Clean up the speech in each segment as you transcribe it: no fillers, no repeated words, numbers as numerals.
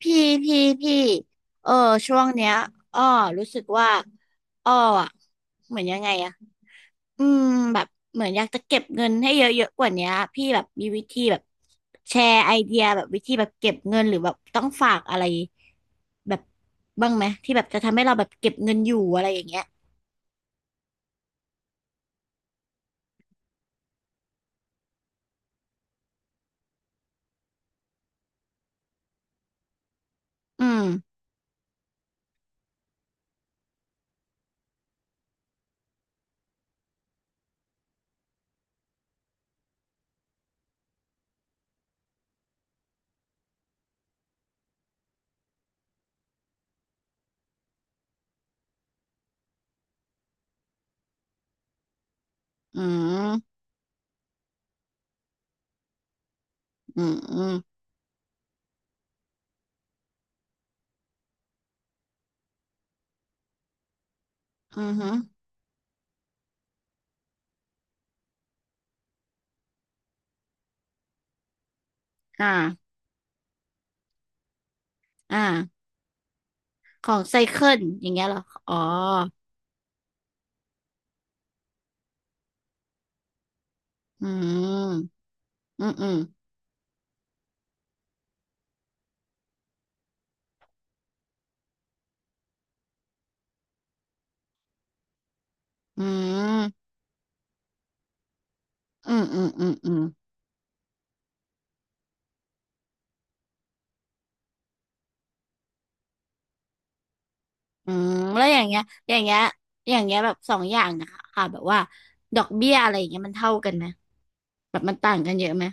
พี่พี่เออช่วงเนี้ยอ้อรู้สึกว่าอ้ออะเหมือนยังไงอะอืมแบบเหมือนอยากจะเก็บเงินให้เยอะๆกว่าเนี้ยพี่แบบมีวิธีแบบแชร์ไอเดียแบบวิธีแบบเก็บเงินหรือแบบต้องฝากอะไรแบบบ้างไหมที่แบบจะทำให้เราแบบเก็บเงินอยู่อะไรอย่างเงี้ยอืมอืมอืมอืมอืมฮึอ่าอ่าของไซเคิลอย่างเงี้ยเหรออ๋ออืมอืมอืมอืม อืมอืมอืมอืมอืมแล้วอย่างเงี้ยอย่างเงี้ยอย่างเงี้ยแบบสองอย่างนะคะค่ะแบบว่าดอกเบี้ยอะไรอย่างเงี้ยมันเท่ากันไหมแบบมันต่างกันเยอะไหม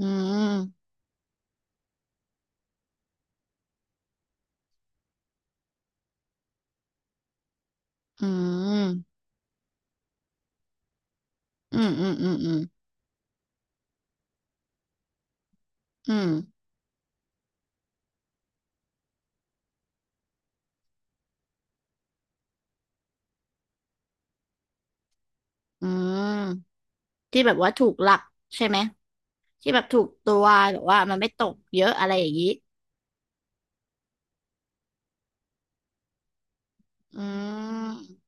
อืมอืมอืมอืมอืมอืมอืมอืมที่แบบว่าถูกหลักใช่ไหมที่แบบถูกตัวหรือว่ามันไม่ตกเยอะอะไรอย่างงี้อืม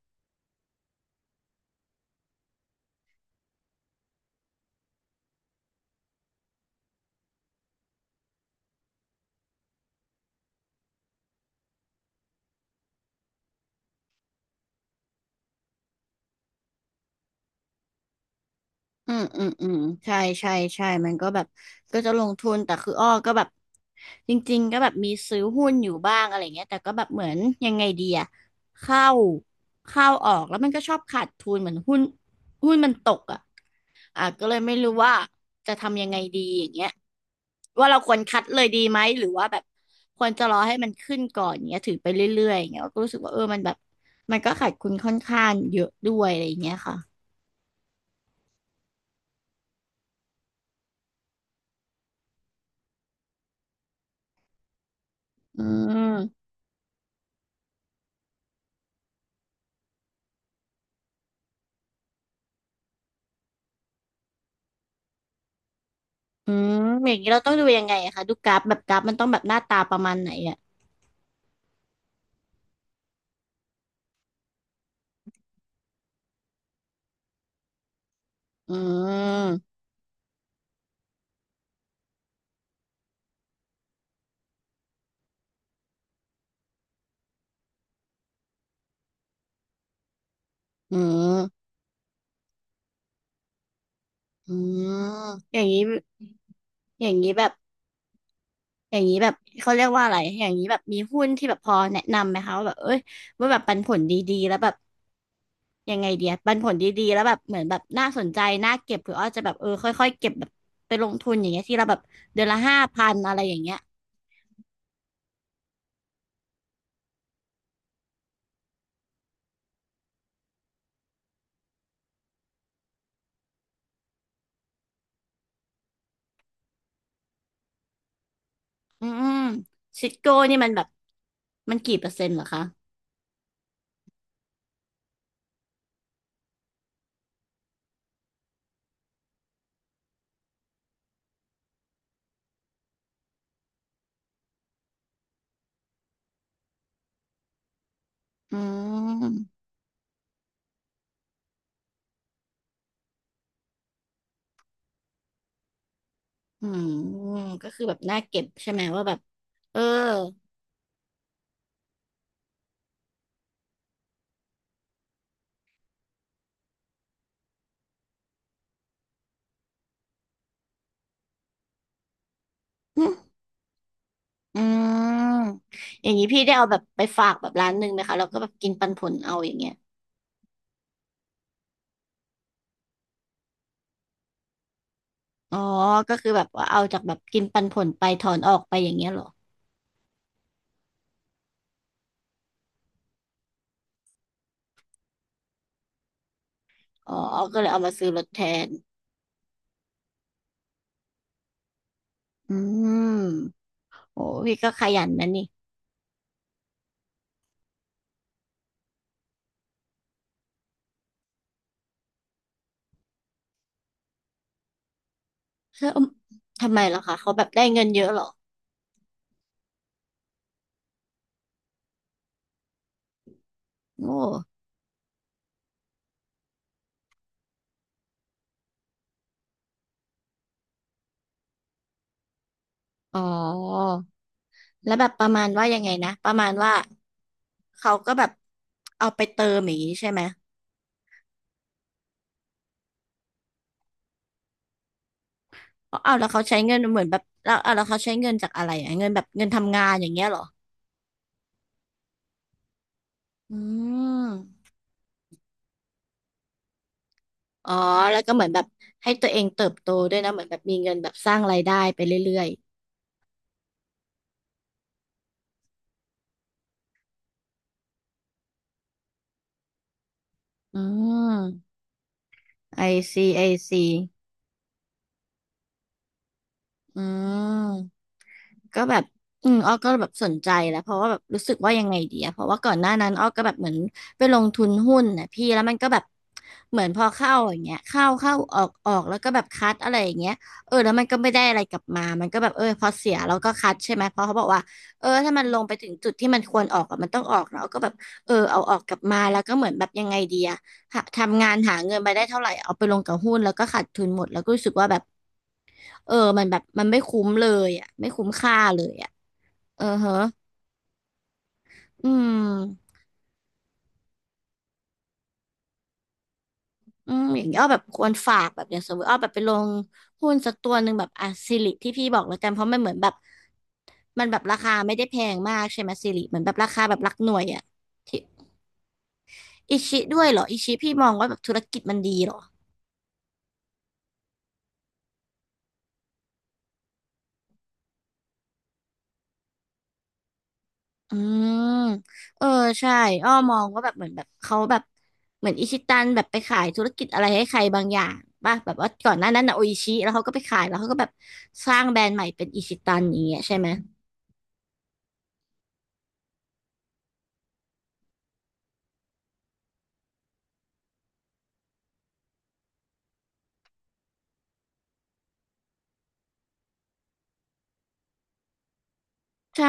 อืมอืมอืมใช่ใช่ใช่มันก็แบบก็จะลงทุนแต่คืออ้อก็แบบจริงๆก็แบบมีซื้อหุ้นอยู่บ้างอะไรเงี้ยแต่ก็แบบเหมือนยังไงดีอะเข้าเข้าออกแล้วมันก็ชอบขาดทุนเหมือนหุ้นมันตกอะอ่ะก็เลยไม่รู้ว่าจะทำยังไงดีอย่างเงี้ยว่าเราควรคัดเลยดีไหมหรือว่าแบบควรจะรอให้มันขึ้นก่อนเงี้ยถือไปเรื่อยๆอย่างเงี้ยก็รู้สึกว่าเออมันแบบมันก็ขาดทุนค่อนข้างเยอะด้วยอะไรอย่างเงี้ยค่ะอืม อืมอย่างนี้เราต้องดูยังไงอะคะดูกราฟแบบกราฟมันต้องแบบหน้าตาประมาณไหนอ่ะอืมอืมอืมอย่างนี้อย่างนี้แบบอย่างนี้แบบเขาเรียกว่าอะไรอย่างนี้แบบมีหุ้นที่แบบพอแนะนำไหมคะว่าแบบเอ้ยว่าแบบปันผลดีๆแล้วแบบยังไงเดียปันผลดีๆแล้วแบบเหมือนแบบน่าสนใจน่าเก็บหรืออาจจะแบบเออค่อยๆเก็บแบบไปลงทุนอย่างเงี้ยที่เราแบบเดือนละ5,000อะไรอย่างเงี้ยอืมซิสโก้นี่มันแบบมันกี่เปอร์เซ็นต์เหรอคะอืม อืมก็คือแบบน่าเก็บใช่ไหมว่าแบบเออหึอืมอย่างนี้พี่ได้เอาแบบไปฝากแบบร้านหนึ่งไหมคะแล้วก็แบบกินปันผลเอาอย่างเงี้ยอ๋อก็คือแบบว่าเอาจากแบบกินปันผลไปถอนออกไปอย่างเงี้ยเหรออ๋อก็เลยเอามาซื้อรถแทนอืมโอ้พี่ก็ขยันนะนี่แล้วทำไมล่ะคะเขาแบบได้เงินเยอะเหรอโอ้อ๋อแล้วแบบประมาณว่ายังไงนะประมาณว่าเขาก็แบบเอาไปเติมอย่างนี้ใช่ไหม ออเอาแล้วเขาใช้เงินเหมือนแบบแล้วเอาแล้วเขาใช้เงินจากอะไรอ่ะเงินแบบเงินทำงานอย่างเงี้ยเหรออืมอ๋อ แล้วก็เหมือนแบบให้ตัวเองเติบโตด้วยนะเหมือนแบบมีเงินแบบสร้างรายได้ไปเรื่อยอืมๆอซีไอซีอืม ก็แบบอืมอ้อก็แบบสนใจแล้วเพราะว่าแบบรู้สึกว่ายังไงดีอะเพราะว่าก่อนหน้านั้นอ้อก็แบบเหมือนไปลงทุนหุ้นนะพี่แล้วมันก็แบบเหมือนพอเข้าอย่างเงี้ยเข้าออกออกแล้วก็แบบคัดอะไรอย่างเงี้ยเออแล้วมันก็ไม่ได้อะไรกลับมามันก็แบบเออพอเสียแล้วก็คัดใช่ไหมเพราะเขาบอกว่าเออถ้ามันลงไปถึงจุดที่มันควรออกอะมันต้องออกแล้วก็แบบเออเอาออกกลับมาแล้วก็เหมือนแบบยังไงดีอะหาทำงานหาเงินมาได้เท่าไหร่เอาไปลงกับหุ้นแล้วก็ขาดทุนหมดแล้วก็รู้สึกว่าแบบเออมันแบบมันไม่คุ้มเลยอะไม่คุ้มค่าเลยอะ เออฮะอืมอืมอย่างนี้อ้อแบบควรฝากแบบอย่างสมมติอ้อแบบไปลงหุ้นสักตัวหนึ่งแบบอ่ะสิริที่พี่บอกแล้วกันเพราะมันเหมือนแบบมันแบบราคาไม่ได้แพงมากใช่ไหมสิริเหมือนแบบราคาแบบหลักหน่วยอ่ะที่อิชิด้วยเหรออิชิพี่มองว่าแบบธุรกิจมันดีเหรออืมเออใช่อ้อมองว่าแบบเหมือนแบบเขาแบบเหมือนอิชิตันแบบไปขายธุรกิจอะไรให้ใครบางอย่างป่ะแบบว่าก่อนหน้านั้นนะโออิชิแล้วเขาก็ไปขายแล้วเขาก็แบบสร้างแบรนด์ใหม่เป็นอิชิตันอย่างเงี้ยใช่ไหม ใช่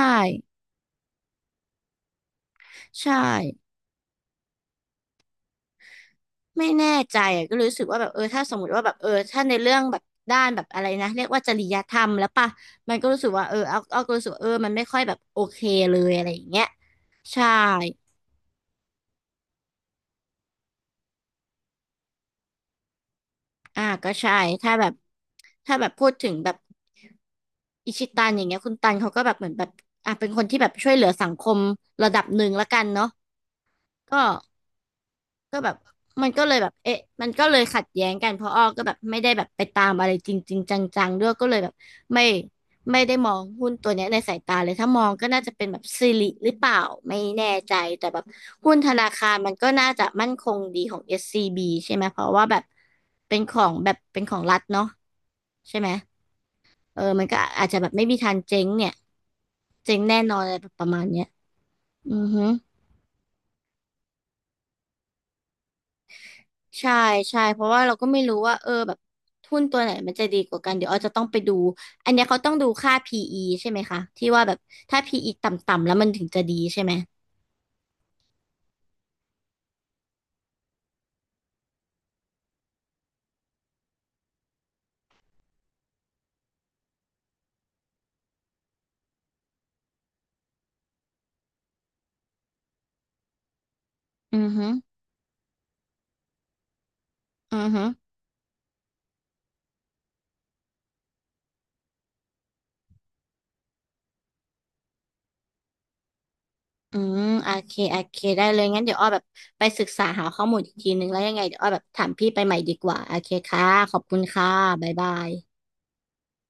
ใช่ไม่แน่ใจอ่ะก็รู้สึกว่าแบบเออถ้าสมมติว่าแบบเออถ้าในเรื่องแบบด้านแบบอะไรนะเรียกว่าจริยธรรมแล้วป่ะมันก็รู้สึกว่าเออเอาก็รู้สึกว่าเออมันไม่ค่อยแบบโอเคเลยอะไรอย่างเงี้ยใช่อ่าก็ใช่ถ้าแบบพูดถึงแบบอิชิตันอย่างเงี้ยคุณตันเขาก็แบบเหมือนแบบอ่ะเป็นคนที่แบบช่วยเหลือสังคมระดับหนึ่งละกันเนาะก็ ก็แบบมันก็เลยแบบเอ๊ะมันก็เลยขัดแย้งกันเพราะอ้อก็แบบไม่ได้แบบไปตามอะไรจริงจริงจังๆด้วยก็เลยแบบไม่ไม่ได้มองหุ้นตัวเนี้ยในสายตาเลยถ้ามองก็น่าจะเป็นแบบสิริหรือเปล่าไม่แน่ใจแต่แบบหุ้นธนาคารมันก็น่าจะมั่นคงดีของSCB ใช่ไหมเพราะว่าแบบเป็นของแบบเป็นของรัฐเนาะใช่ไหมเออมันก็อาจจะแบบไม่มีทางเจ๊งเนี่ยเจ๊งแน่นอนอะไรแบบประมาณเนี้ยอือฮึ ใช่ใช่เพราะว่าเราก็ไม่รู้ว่าเออแบบหุ้นตัวไหนมันจะดีกว่ากันเดี๋ยวอาจจะต้องไปดูอันเนี้ยเขาต้องดูค่า PE ใช่ไหมคะที่ว่าแบบถ้า PE ต่ำๆแล้วมันถึงจะดีใช่ไหมอือฮึอือฮึอืมโอเคโอเคได้เลยงั้นเดี๋ยวอ้อแบบไปศึกษาหาข้อมูลอีกทีนึงแล้วยังไงเดี๋ยวอ้อแบบถามพี่ไปใหม่ดีกว่าโอเคค่ะขอบคุณค่ะบ๊ายบาย